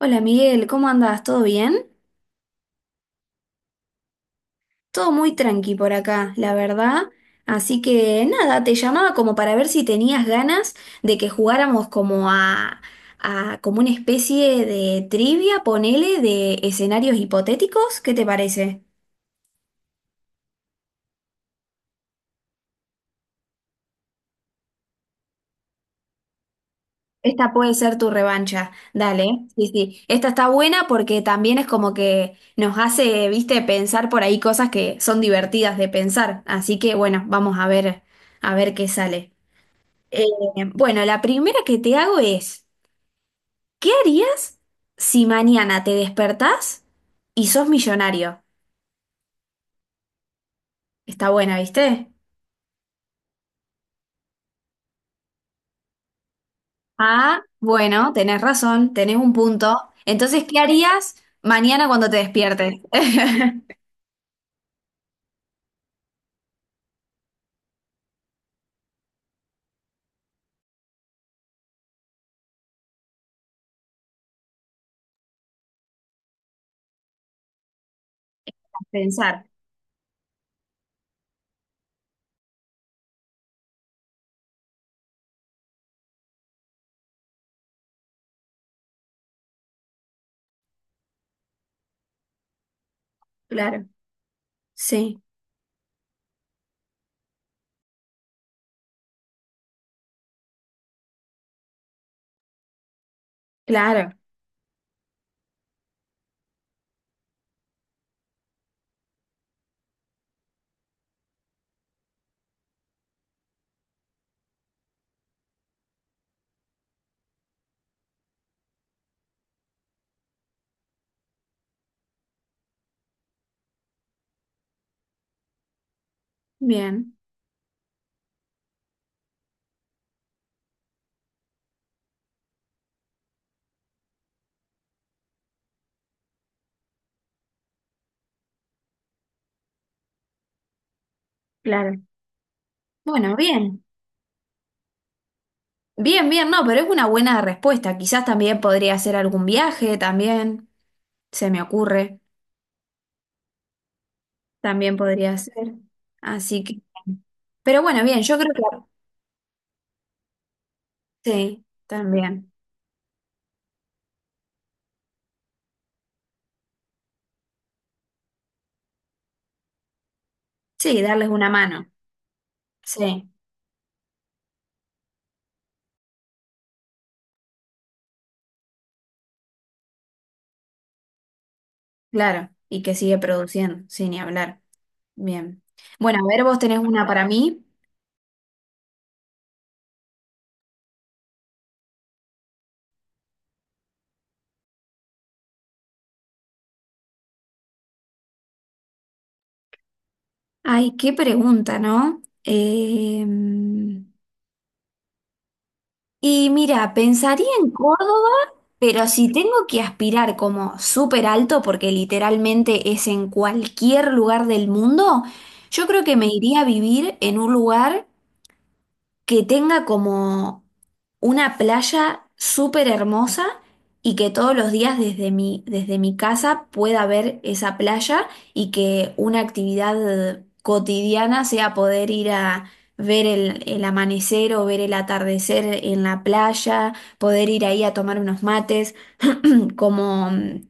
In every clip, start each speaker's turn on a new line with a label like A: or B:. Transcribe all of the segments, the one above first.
A: Hola Miguel, ¿cómo andas? ¿Todo bien? Todo muy tranqui por acá, la verdad. Así que nada, te llamaba como para ver si tenías ganas de que jugáramos como a como una especie de trivia, ponele, de escenarios hipotéticos. ¿Qué te parece? Esta puede ser tu revancha. Dale, sí, sí. Esta está buena porque también es como que nos hace, viste, pensar por ahí cosas que son divertidas de pensar. Así que bueno, vamos a ver qué sale. Eh, bueno, la primera que te hago es, ¿qué harías si mañana te despertás y sos millonario? Está buena, ¿viste? Ah, bueno, tenés razón, tenés un punto. Entonces, ¿qué harías mañana cuando te despiertes? Pensar, claro. Sí, claro. Bien, claro. Bueno, bien. Bien, bien, no, pero es una buena respuesta. Quizás también podría hacer algún viaje, también se me ocurre. También podría ser. Así que, pero bueno, bien, yo creo que sí, también. Sí, darles una mano. Sí, claro. Y que sigue produciendo, sin ni hablar. Bien. Bueno, a ver, vos tenés una para mí. Ay, qué pregunta, ¿no? Y mira, pensaría en Córdoba, pero si tengo que aspirar como súper alto, porque literalmente es en cualquier lugar del mundo, yo creo que me iría a vivir en un lugar que tenga como una playa súper hermosa y que todos los días desde mi casa pueda ver esa playa y que una actividad cotidiana sea poder ir a ver el amanecer o ver el atardecer en la playa, poder ir ahí a tomar unos mates, como,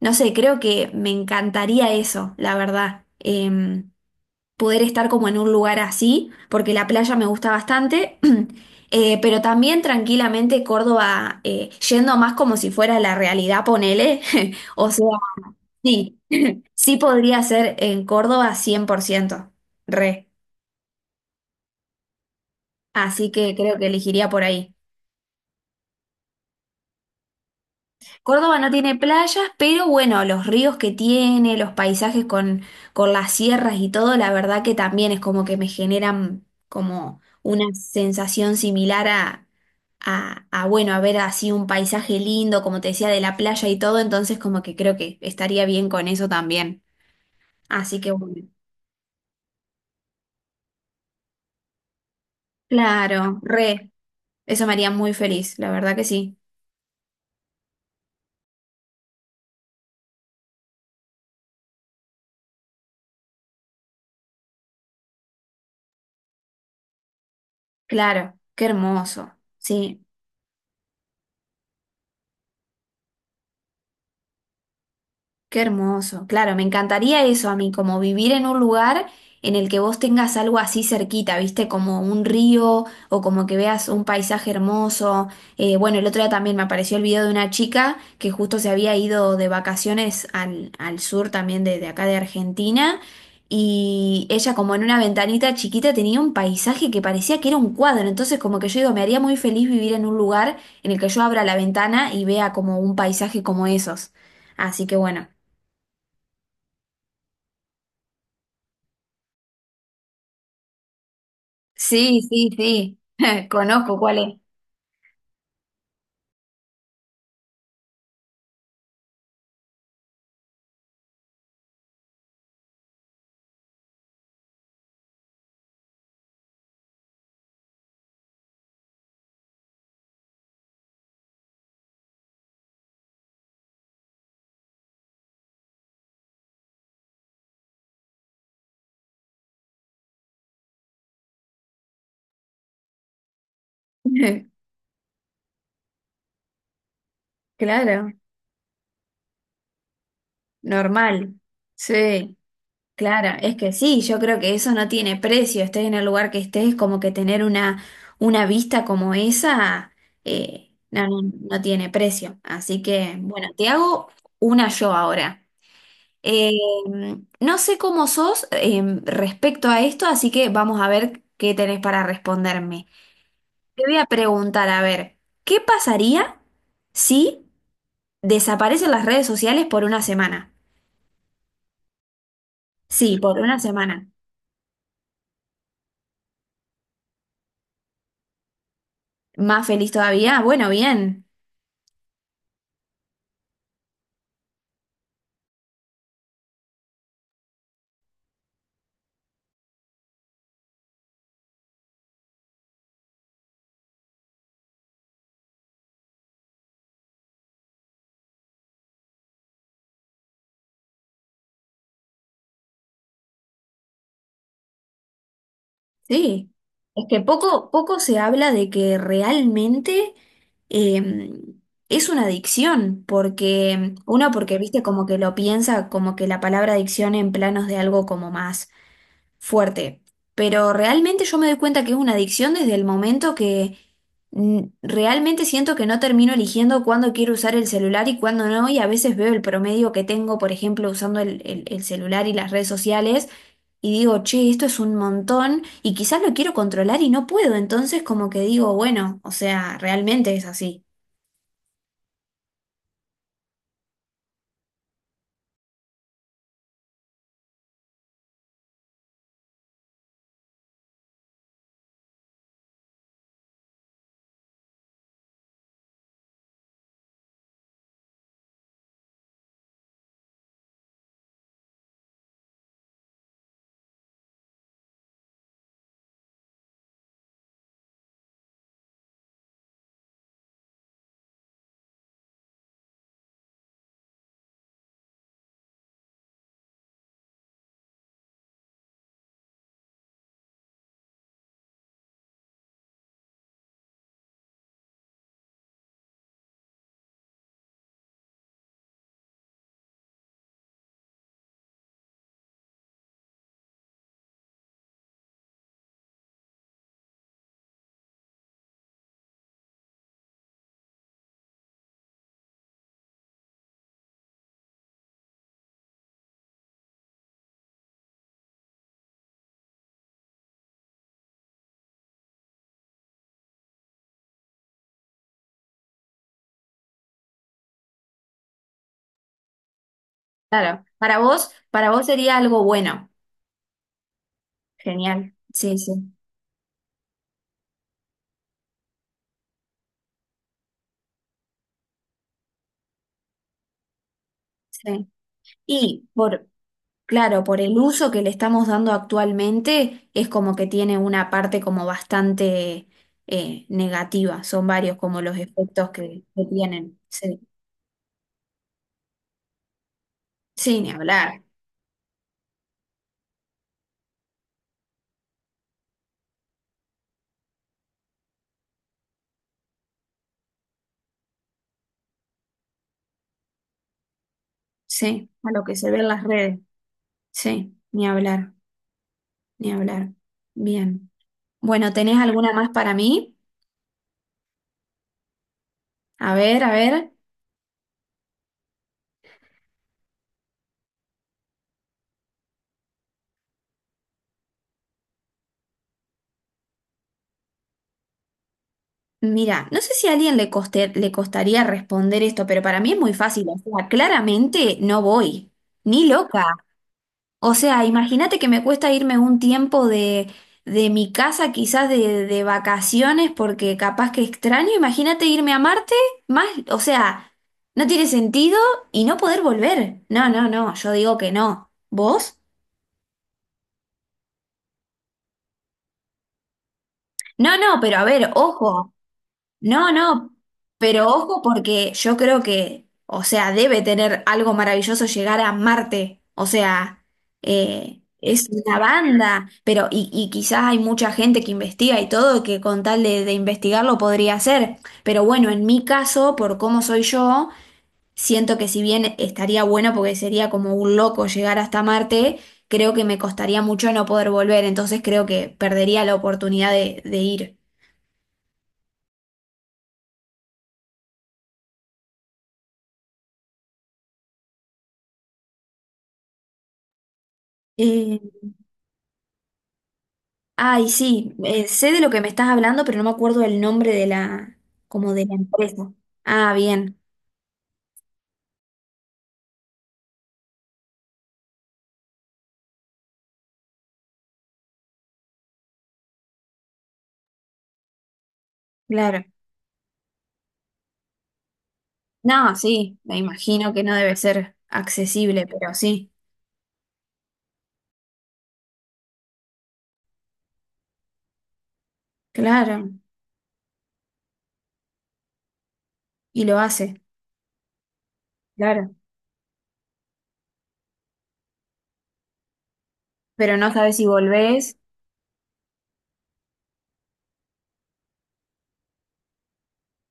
A: no sé, creo que me encantaría eso, la verdad. Poder estar como en un lugar así, porque la playa me gusta bastante, pero también tranquilamente Córdoba, yendo más como si fuera la realidad, ponele, o sea, sí, sí podría ser en Córdoba 100% re, así que creo que elegiría por ahí. Córdoba no tiene playas, pero bueno, los ríos que tiene, los paisajes con las sierras y todo, la verdad que también es como que me generan como una sensación similar a bueno, a ver así un paisaje lindo, como te decía, de la playa y todo, entonces como que creo que estaría bien con eso también. Así que bueno, claro, re, eso me haría muy feliz, la verdad que sí, claro, qué hermoso, sí. Qué hermoso. Claro, me encantaría eso a mí, como vivir en un lugar en el que vos tengas algo así cerquita, ¿viste? Como un río o como que veas un paisaje hermoso. Bueno, el otro día también me apareció el video de una chica que justo se había ido de vacaciones al, al sur también de acá de Argentina y ella como en una ventanita chiquita tenía un paisaje que parecía que era un cuadro. Entonces como que yo digo, me haría muy feliz vivir en un lugar en el que yo abra la ventana y vea como un paisaje como esos. Así que bueno. Sí, sí, sí. Conozco cuál es. Claro, normal. Sí, claro. Es que sí, yo creo que eso no tiene precio. Estés en el lugar que estés, como que tener una vista como esa, no, no, no tiene precio. Así que, bueno, te hago una yo ahora. Eh, no sé cómo sos, respecto a esto, así que vamos a ver qué tenés para responderme. Te voy a preguntar, a ver, ¿qué pasaría? Sí. Desaparecen las redes sociales por una semana. Sí, por una semana. Más feliz todavía. Bueno, bien. Sí. Es que poco, poco se habla de que realmente eh, es una adicción, porque uno porque viste como que lo piensa como que la palabra adicción en planos de algo como más fuerte. Pero realmente yo me doy cuenta que es una adicción desde el momento que realmente siento que no termino eligiendo cuándo quiero usar el celular y cuándo no, y a veces veo el promedio que tengo, por ejemplo, usando el celular y las redes sociales, y digo, che, esto es un montón, y quizás lo quiero controlar y no puedo, entonces como que digo, bueno, o sea, realmente es así. Claro, para vos sería algo bueno. Genial. Sí, sí, sí. Y por, claro, por el uso que le estamos dando actualmente, es como que tiene una parte como bastante negativa. Son varios como los efectos que tienen. Sí. Sí, ni hablar. Sí, a lo que se ve en las redes. Sí, ni hablar, ni hablar. Bien. Bueno, ¿tenés alguna más para mí? A ver, a ver. Mira, no sé si a alguien le le costaría responder esto, pero para mí es muy fácil. O sea, claramente no voy. Ni loca. O sea, imagínate que me cuesta irme un tiempo de mi casa, quizás de vacaciones, porque capaz que extraño. Imagínate irme a Marte, más, o sea, no tiene sentido y no poder volver. No, no, no, yo digo que no. ¿Vos? No, no, pero a ver, ojo. No, no, pero ojo porque yo creo que, o sea, debe tener algo maravilloso llegar a Marte. O sea, es una banda, pero y quizás hay mucha gente que investiga y todo, que con tal de investigarlo podría hacer. Pero bueno, en mi caso, por cómo soy yo, siento que si bien estaría bueno porque sería como un loco llegar hasta Marte, creo que me costaría mucho no poder volver, entonces creo que perdería la oportunidad de ir. Eh, Ay, sí, sé de lo que me estás hablando, pero no me acuerdo el nombre de la, como de la empresa. Ah, bien, claro. No, sí, me imagino que no debe ser accesible, pero sí, claro, y lo hace, claro. Pero no sabes si volvés,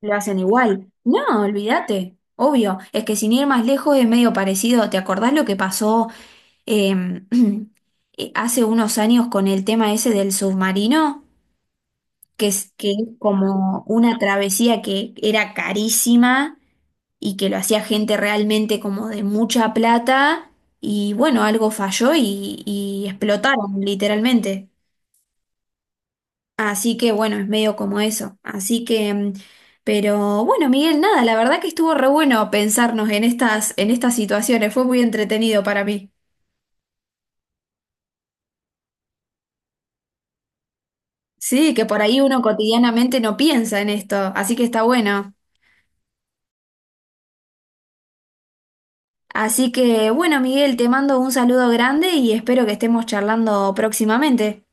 A: lo hacen igual. No, olvídate, obvio. Es que sin ir más lejos es medio parecido. ¿Te acordás lo que pasó em, hace unos años con el tema ese del submarino? Que es como una travesía que era carísima y que lo hacía gente realmente como de mucha plata y bueno, algo falló y explotaron literalmente. Así que bueno, es medio como eso. Así que, mm, pero bueno, Miguel, nada, la verdad que estuvo re bueno pensarnos en estas situaciones, fue muy entretenido para mí. Sí, que por ahí uno cotidianamente no piensa en esto, así que está bueno. Así que bueno, Miguel, te mando un saludo grande y espero que estemos charlando próximamente.